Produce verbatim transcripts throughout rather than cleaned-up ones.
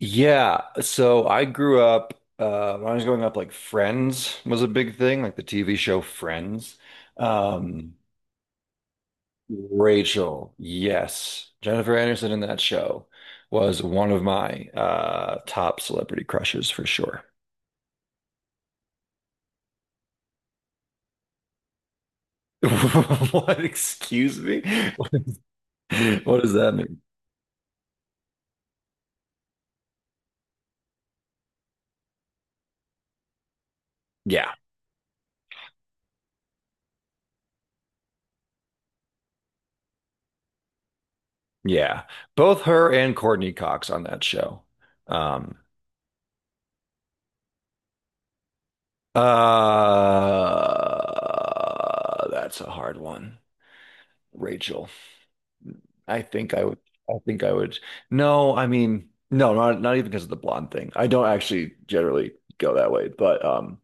Yeah, so I grew up uh, when I was growing up, like Friends was a big thing, like the T V show Friends. Um, Rachel, yes, Jennifer Anderson in that show was one of my uh, top celebrity crushes for sure. What? Excuse me? What is- what does that mean? Yeah, yeah, both her and Courtney Cox on that show. Um, uh, that's a hard one. Rachel. I think I would. I think I would. No, I mean, no, not not even because of the blonde thing. I don't actually generally go that way, but um,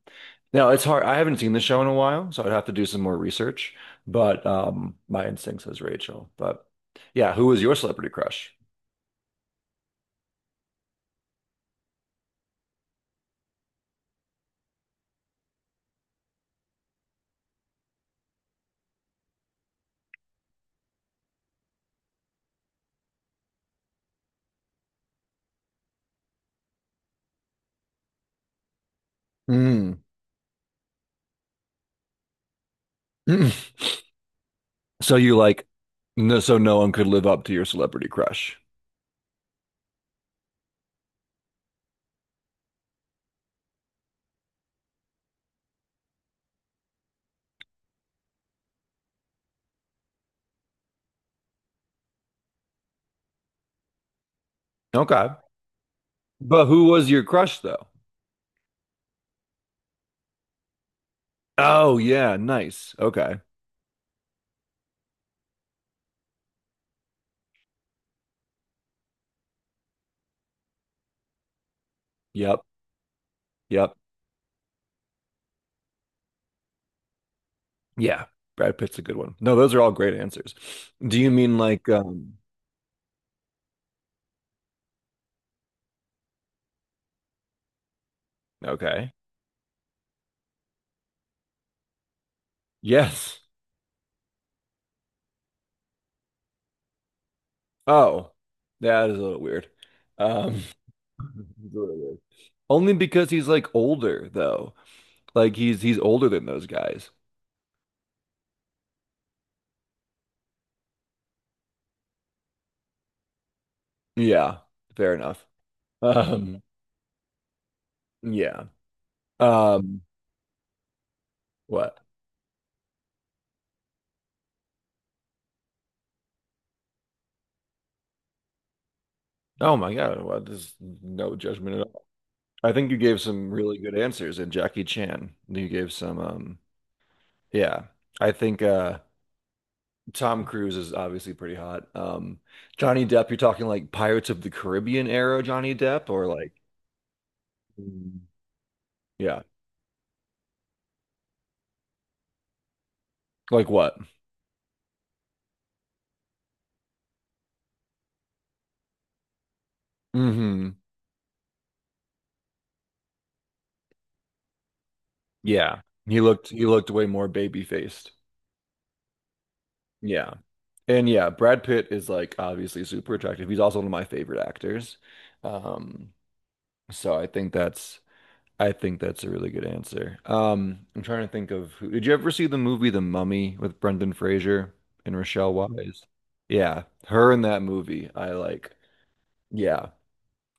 no, it's hard. I haven't seen the show in a while, so I'd have to do some more research. But um, my instinct says Rachel. But yeah, who was your celebrity crush? Mm. So you like, no, so no one could live up to your celebrity crush. Okay, but who was your crush though? Oh yeah, nice. Okay. Yep. Yep. Yeah, Brad Pitt's a good one. No, those are all great answers. Do you mean like um okay. Yes. Oh. That is a little weird. Um it's a little weird. Only because he's like older though. Like he's he's older than those guys. Yeah, fair enough. Um yeah. Um what? Oh my God, well, there's no judgment at all. I think you gave some really good answers and Jackie Chan. You gave some um yeah. I think uh Tom Cruise is obviously pretty hot. Um, Johnny Depp, you're talking like Pirates of the Caribbean era Johnny Depp or like Mm. Yeah, like what? Hmm. Yeah. He looked he looked way more baby faced. Yeah. And yeah, Brad Pitt is like obviously super attractive. He's also one of my favorite actors. Um, so I think that's I think that's a really good answer. Um, I'm trying to think of who, did you ever see the movie The Mummy with Brendan Fraser and Rochelle Wise? Yeah, her in that movie. I like, yeah,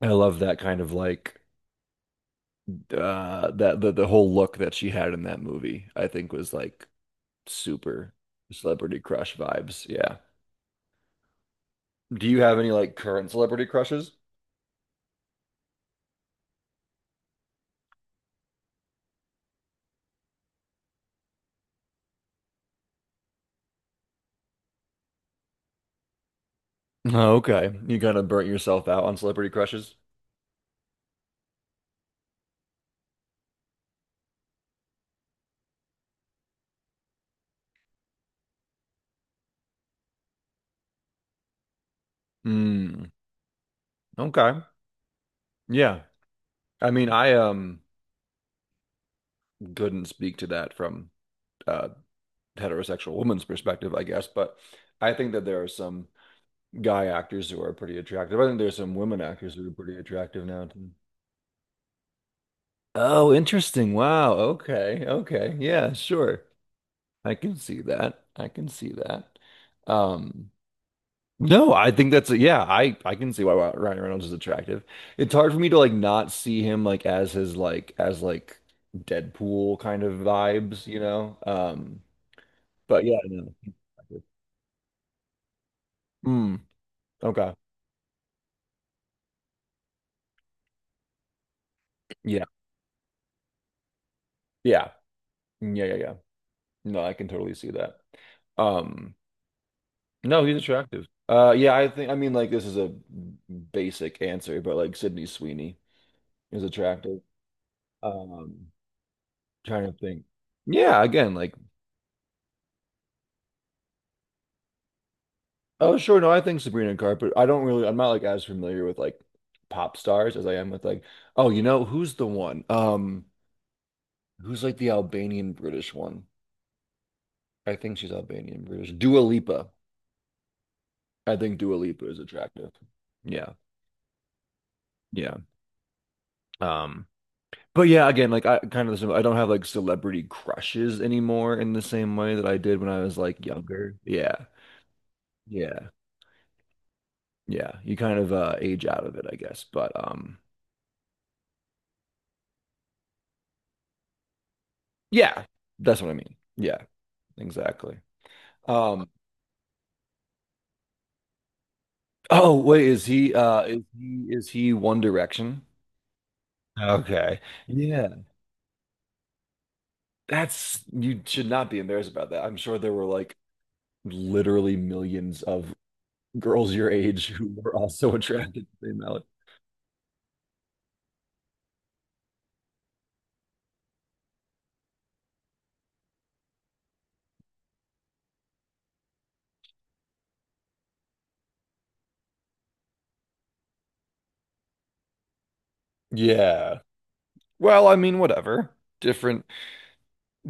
I love that kind of like uh that the, the whole look that she had in that movie, I think was like super celebrity crush vibes. Yeah. Do you have any like current celebrity crushes? Oh, okay. You kind of burnt yourself out on celebrity crushes? Hmm. Okay. Yeah. I mean, I um couldn't speak to that from a heterosexual woman's perspective, I guess. But I think that there are some guy actors who are pretty attractive. I think there's some women actors who are pretty attractive now too. Oh, interesting. Wow. Okay. Okay. Yeah, sure. I can see that. I can see that. Um, no, I think that's yeah, I I can see why Ryan Reynolds is attractive. It's hard for me to like not see him like as his like as like Deadpool kind of vibes, you know? Um, But yeah, no. No, no. Exactly. Mm, okay. Yeah. Yeah. Yeah, yeah, yeah. No, I can totally see that. Um, no, he's attractive. Uh, yeah, I think I mean like this is a basic answer, but like Sydney Sweeney is attractive. Um, trying to think. Yeah, again, like oh sure, no, I think Sabrina Carpenter. I don't really I'm not like as familiar with like pop stars as I am with like oh, you know, who's the one? Um, who's like the Albanian British one? I think she's Albanian British. Dua Lipa. I think Dua Lipa is attractive. Yeah, yeah. Um, but yeah, again, like I kind of I don't have like celebrity crushes anymore in the same way that I did when I was like younger. Yeah, yeah, yeah. You kind of uh age out of it, I guess. But um, yeah, that's what I mean. Yeah, exactly. Um, oh wait, is he uh is he is he One Direction? Okay. Yeah, that's you should not be embarrassed about that. I'm sure there were like literally millions of girls your age who were also attracted to Zayn Malik. Yeah. Well, I mean, whatever. Different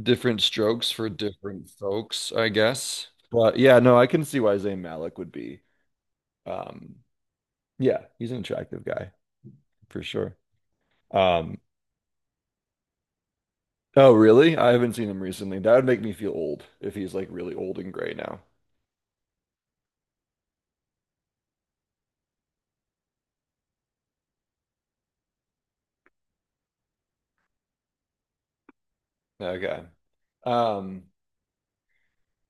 Different strokes for different folks, I guess. But yeah, no, I can see why Zayn Malik would be. Um, yeah, he's an attractive guy for sure. Um, oh, really? I haven't seen him recently. That would make me feel old if he's like really old and gray now. Okay. Um,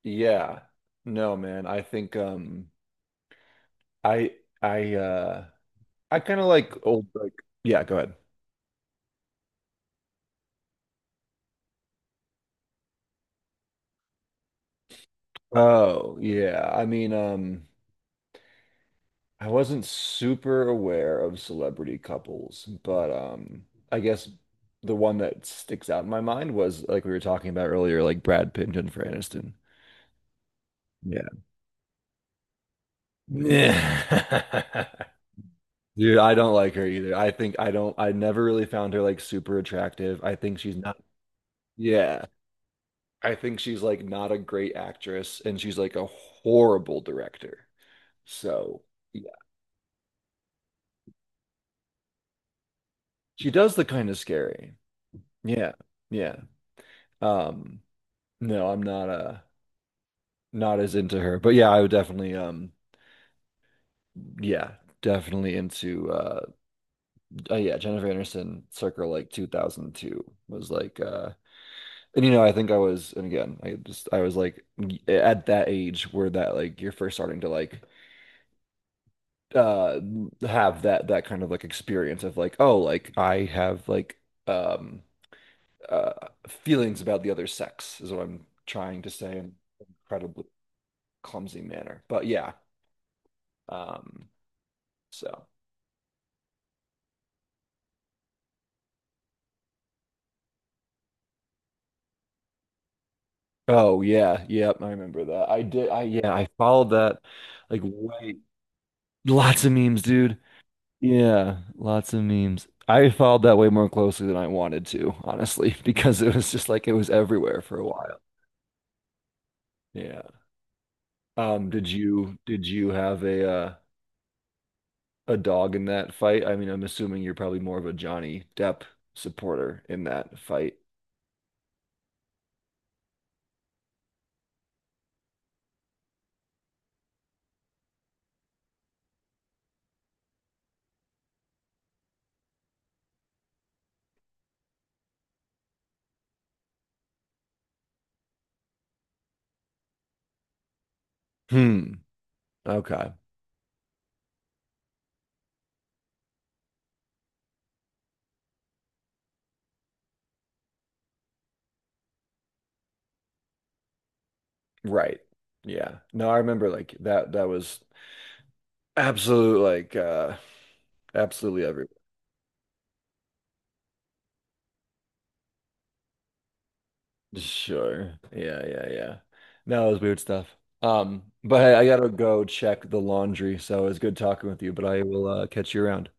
yeah. No, man. I think um I I uh I kind of like old like yeah, go ahead. Oh, yeah. I mean, um, I wasn't super aware of celebrity couples, but um, I guess the one that sticks out in my mind was like we were talking about earlier, like Brad Pitt and Jennifer Aniston. Yeah. Yeah. Dude, I don't like her either. I think I don't, I never really found her like super attractive. I think she's not, yeah. I think she's like not a great actress and she's like a horrible director. So, yeah. She does look kind of scary. Yeah. Yeah. Um, no, I'm not uh not as into her. But yeah, I would definitely um yeah, definitely into uh oh yeah, Jennifer Anderson circa like two thousand two was like uh and you know, I think I was and again, I just I was like y- at that age where that like you're first starting to like uh have that that kind of like experience of like oh, like I have like um uh feelings about the other sex is what I'm trying to say and incredibly clumsy manner. But yeah, um, so. Oh yeah, yep, I remember that. I did. I yeah, I followed that like way. Lots of memes, dude. Yeah, lots of memes. I followed that way more closely than I wanted to, honestly, because it was just like it was everywhere for a while. Yeah. Um, did you did you have a uh, a dog in that fight? I mean, I'm assuming you're probably more of a Johnny Depp supporter in that fight. Hmm. Okay. Right. Yeah. No, I remember like that that was absolute like uh absolutely everywhere. Sure. Yeah, yeah, yeah. No, it was weird stuff. Um, but hey, I gotta go check the laundry, so it was good talking with you, but I will uh catch you around.